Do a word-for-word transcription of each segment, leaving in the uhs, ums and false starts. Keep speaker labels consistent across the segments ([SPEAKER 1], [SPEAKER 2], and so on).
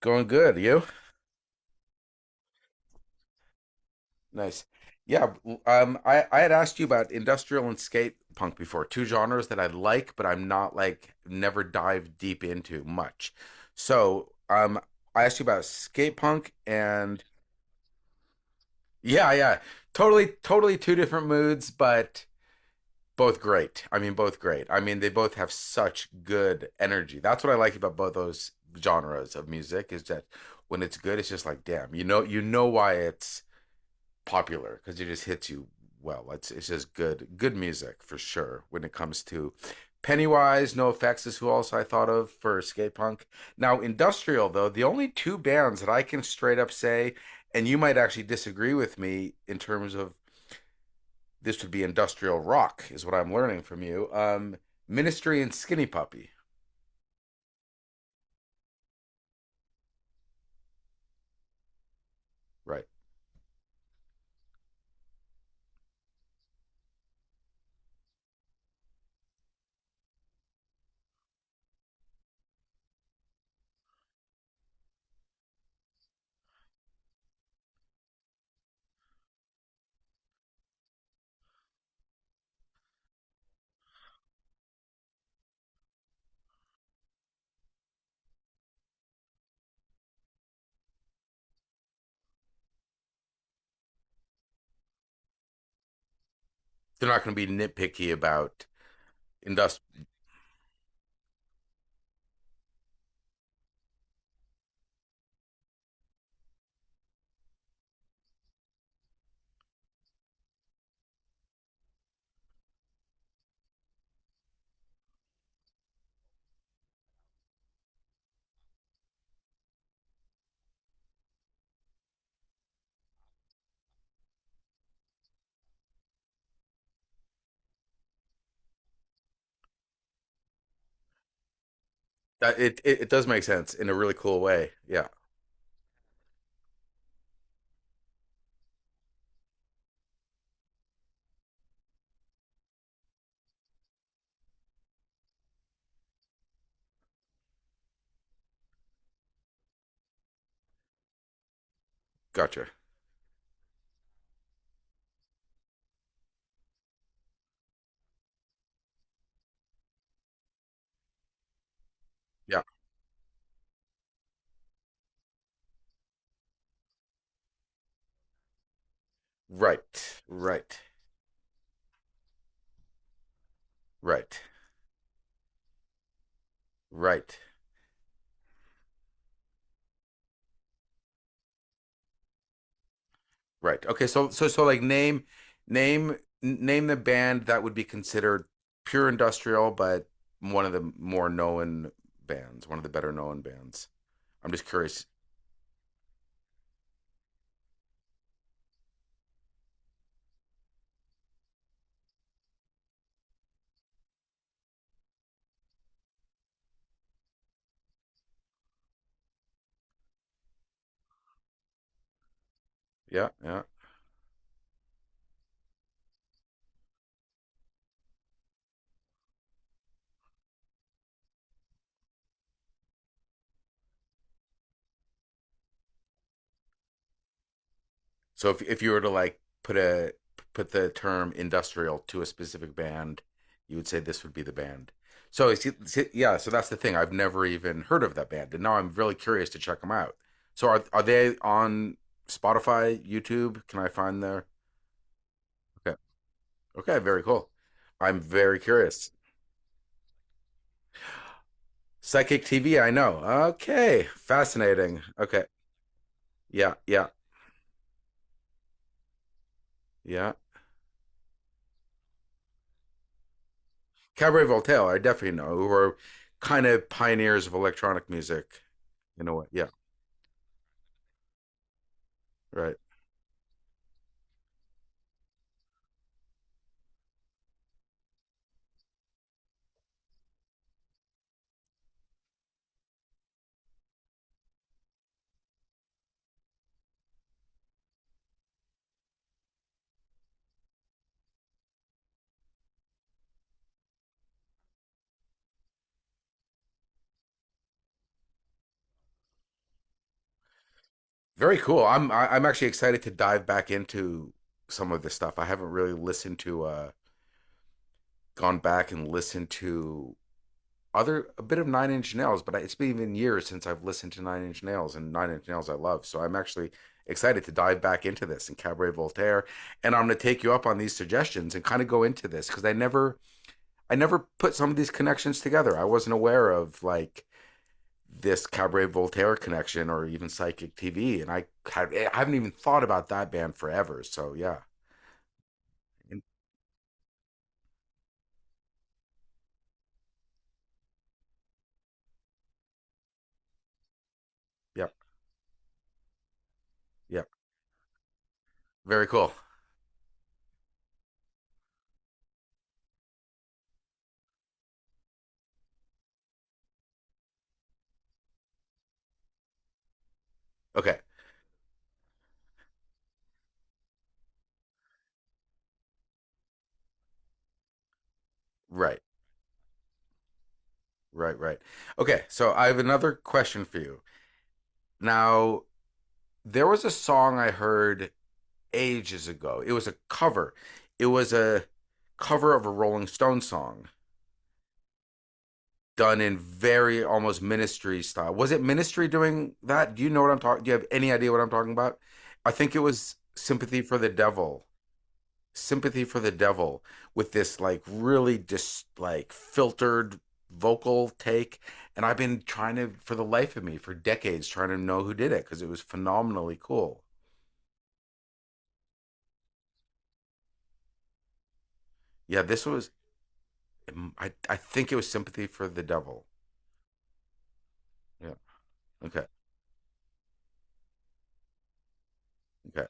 [SPEAKER 1] Going good, you? Nice. Yeah, um, I, I had asked you about industrial and skate punk before, two genres that I like, but I'm not like never dive deep into much. So um, I asked you about skate punk and yeah, yeah, totally, totally two different moods, but both great. I mean, both great. I mean, they both have such good energy. That's what I like about both those genres of music is that when it's good, it's just like, damn, you know, you know why it's popular because it just hits you well. It's it's just good good music for sure when it comes to Pennywise, No Effects is who else I thought of for skate punk. Now industrial though, the only two bands that I can straight up say, and you might actually disagree with me in terms of this would be industrial rock is what I'm learning from you. Um, Ministry and Skinny Puppy, right? They're not going to be nitpicky about industrial. It, it it does make sense in a really cool way. Yeah, gotcha. Yeah, right, right. Right. Right. Right. Okay, so so so like name name name the band that would be considered pure industrial, but one of the more known bands, one of the better known bands. I'm just curious. Yeah, yeah. So if if you were to like put a put the term industrial to a specific band, you would say this would be the band. So yeah, so that's the thing. I've never even heard of that band, and now I'm really curious to check them out. So are are they on Spotify, YouTube? Can I find their? Okay, okay, very cool. I'm very curious. Psychic T V, I know. Okay, fascinating. Okay, yeah, yeah, yeah. Cabaret Voltaire, I definitely know, who are kind of pioneers of electronic music in a way. Yeah. Right. Very cool. I'm I- am i am actually excited to dive back into some of this stuff. I haven't really listened to uh gone back and listened to other a bit of Nine Inch Nails, but it's been even years since I've listened to Nine Inch Nails and Nine Inch Nails I love. So I'm actually excited to dive back into this and Cabaret Voltaire and I'm going to take you up on these suggestions and kind of go into this cuz I never I never put some of these connections together. I wasn't aware of like this Cabaret Voltaire connection or even Psychic T V. And I, I haven't even thought about that band forever. So yeah, yep, yep. Very cool. Okay, right, right, right. Okay, so I have another question for you. Now, there was a song I heard ages ago. It was a cover. It was a cover of a Rolling Stone song done in very almost Ministry style. Was it Ministry doing that? Do you know what I'm talking? Do you have any idea what I'm talking about? I think it was Sympathy for the Devil. Sympathy for the Devil with this like really just like filtered vocal take, and I've been trying to for the life of me for decades trying to know who did it cuz it was phenomenally cool. Yeah, this was, I I think it was Sympathy for the Devil. Yeah. Okay. Okay.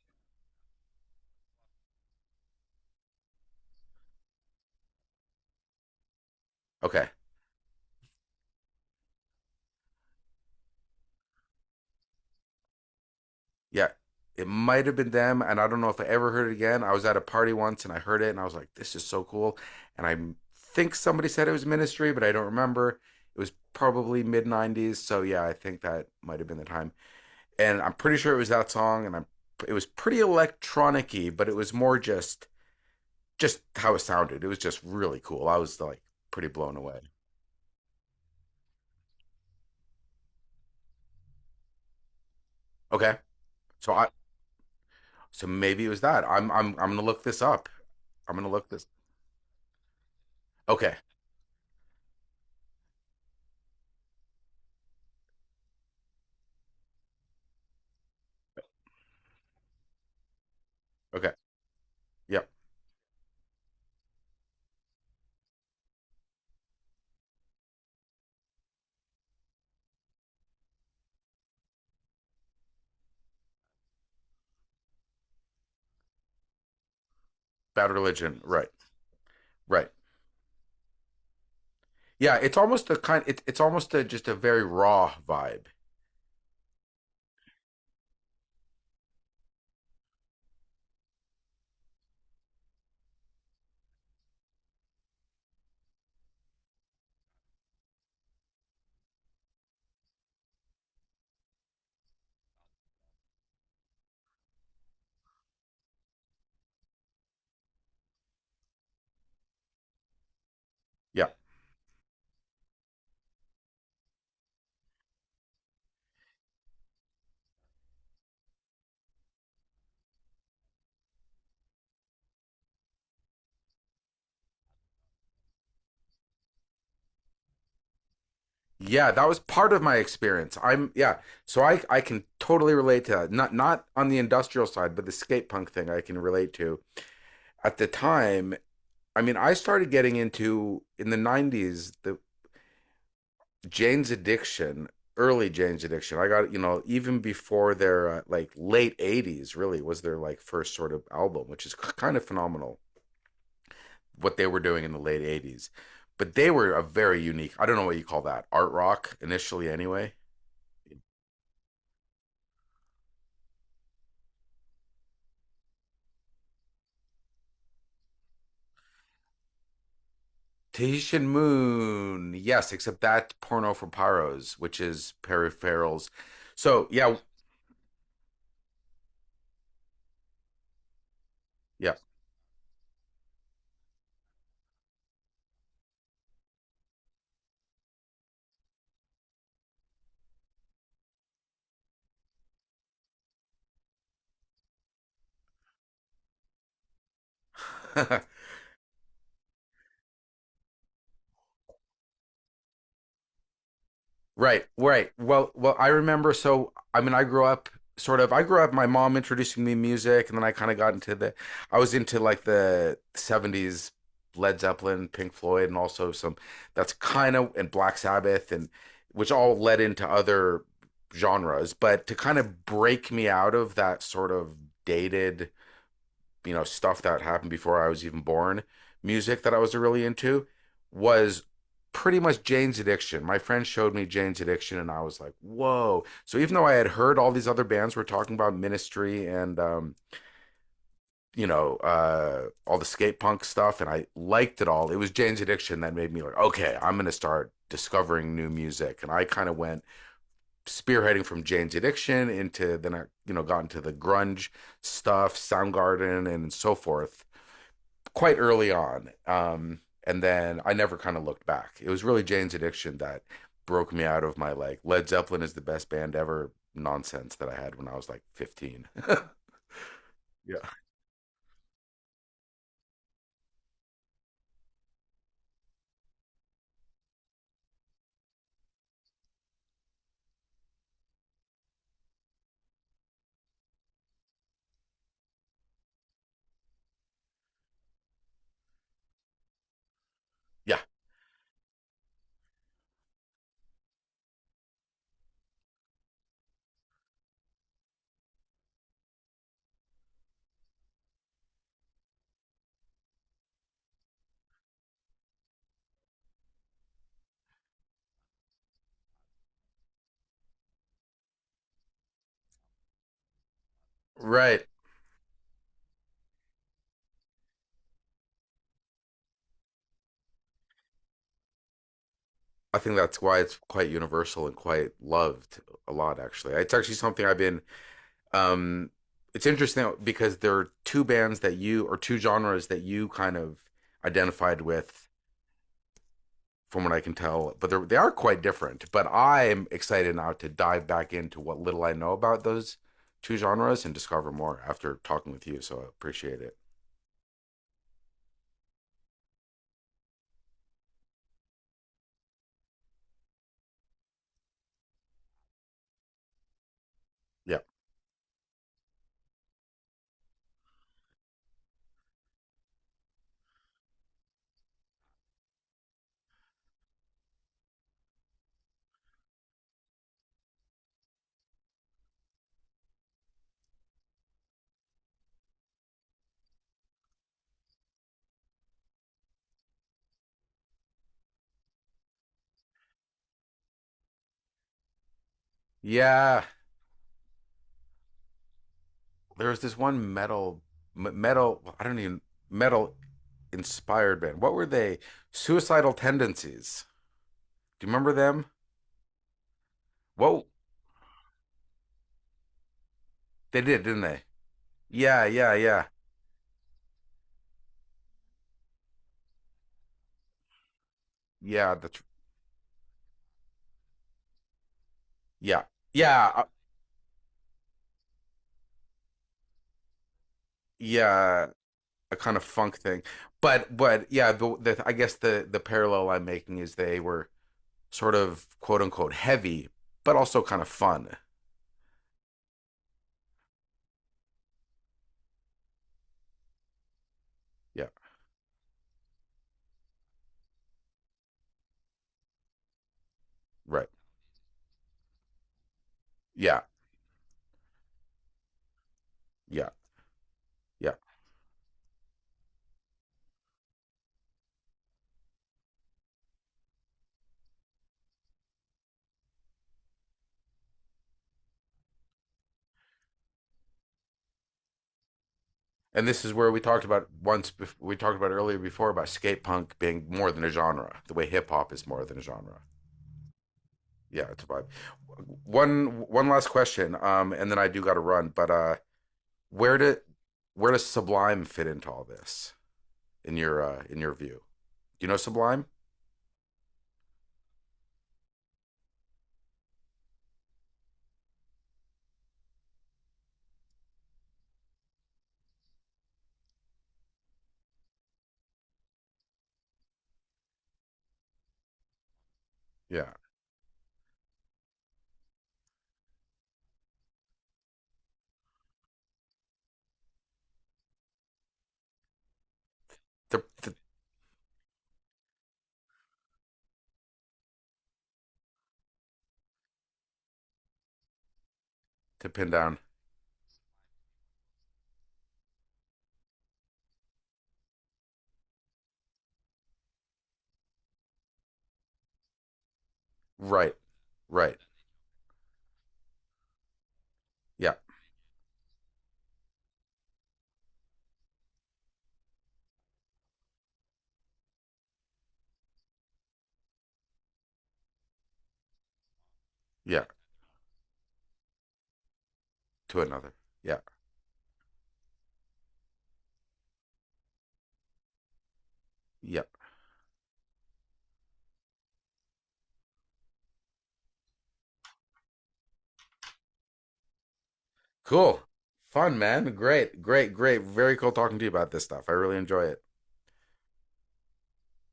[SPEAKER 1] Okay. Yeah. It might have been them, and I don't know if I ever heard it again. I was at a party once and I heard it, and I was like, "This is so cool." And I think somebody said it was Ministry, but I don't remember. It was probably mid nineties, so yeah, I think that might have been the time. And I'm pretty sure it was that song, and I'm it was pretty electronic-y, but it was more just just how it sounded. It was just really cool. I was like pretty blown away. Okay, so I so maybe it was that. I'm I'm I'm gonna look this up. I'm gonna look this. Okay, okay, yep. Bad Religion, right? Right. Yeah, it's almost a kind. It's it's almost a just a very raw vibe. Yeah, yeah, that was part of my experience. I'm Yeah, so I I can totally relate to that. Not not on the industrial side, but the skate punk thing I can relate to. At the time, I mean, I started getting into in the nineties the Jane's Addiction, early Jane's Addiction. I got you know even before their uh, like late eighties really was their like first sort of album, which is kind of phenomenal. What they were doing in the late eighties. But they were a very unique, I don't know what you call that, art rock initially, anyway. Tahitian Moon. Yes, except that's Porno for Pyros, which is peripherals. So, yeah, yeah. Right, right. Well, well, I remember. So, I mean, I grew up sort of. I grew up. My mom introducing me to music, and then I kind of got into the. I was into like the seventies Led Zeppelin, Pink Floyd, and also some. That's kind of and Black Sabbath, and which all led into other genres. But to kind of break me out of that sort of dated, you know, stuff that happened before I was even born, music that I was really into was pretty much Jane's Addiction. My friend showed me Jane's Addiction, and I was like, whoa. So even though I had heard all these other bands were talking about Ministry and, um, you know, uh, all the skate punk stuff, and I liked it all, it was Jane's Addiction that made me like, okay, I'm going to start discovering new music. And I kind of went spearheading from Jane's Addiction into then I, you know, got into the grunge stuff, Soundgarden, and so forth quite early on. Um, and then I never kind of looked back. It was really Jane's Addiction that broke me out of my like Led Zeppelin is the best band ever nonsense that I had when I was like fifteen. Yeah. Yeah. Right. I think that's why it's quite universal and quite loved a lot actually. It's actually something I've been, um it's interesting because there are two bands that you or two genres that you kind of identified with from what I can tell, but they're quite different. But I'm excited now to dive back into what little I know about those two genres and discover more after talking with you. So I appreciate it. Yeah. Yeah. There was this one metal, metal, I don't even, metal inspired band. What were they? Suicidal Tendencies. Do you remember them? Whoa. They did, didn't they? Yeah. Yeah. Yeah. Yeah. That's, yeah. Yeah. uh, Yeah. A kind of funk thing. But but yeah, the, the, I guess the the parallel I'm making is they were sort of quote unquote heavy, but also kind of fun. Yeah, right. Yeah, yeah, yeah. And this is where we talked about once, we talked about earlier before about skate punk being more than a genre, the way hip hop is more than a genre. Yeah, it's a vibe. One one last question, um, and then I do got to run. But uh, where do where does Sublime fit into all this in your, uh, in your view? Do you know Sublime? Yeah. to, to, to pin down. Right. Right. Yeah. Yeah. To another. Yeah. Yeah. Cool. Fun, man. Great. Great. Great. Very cool talking to you about this stuff. I really enjoy it.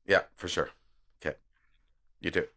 [SPEAKER 1] Yeah, for sure. Okay. You too.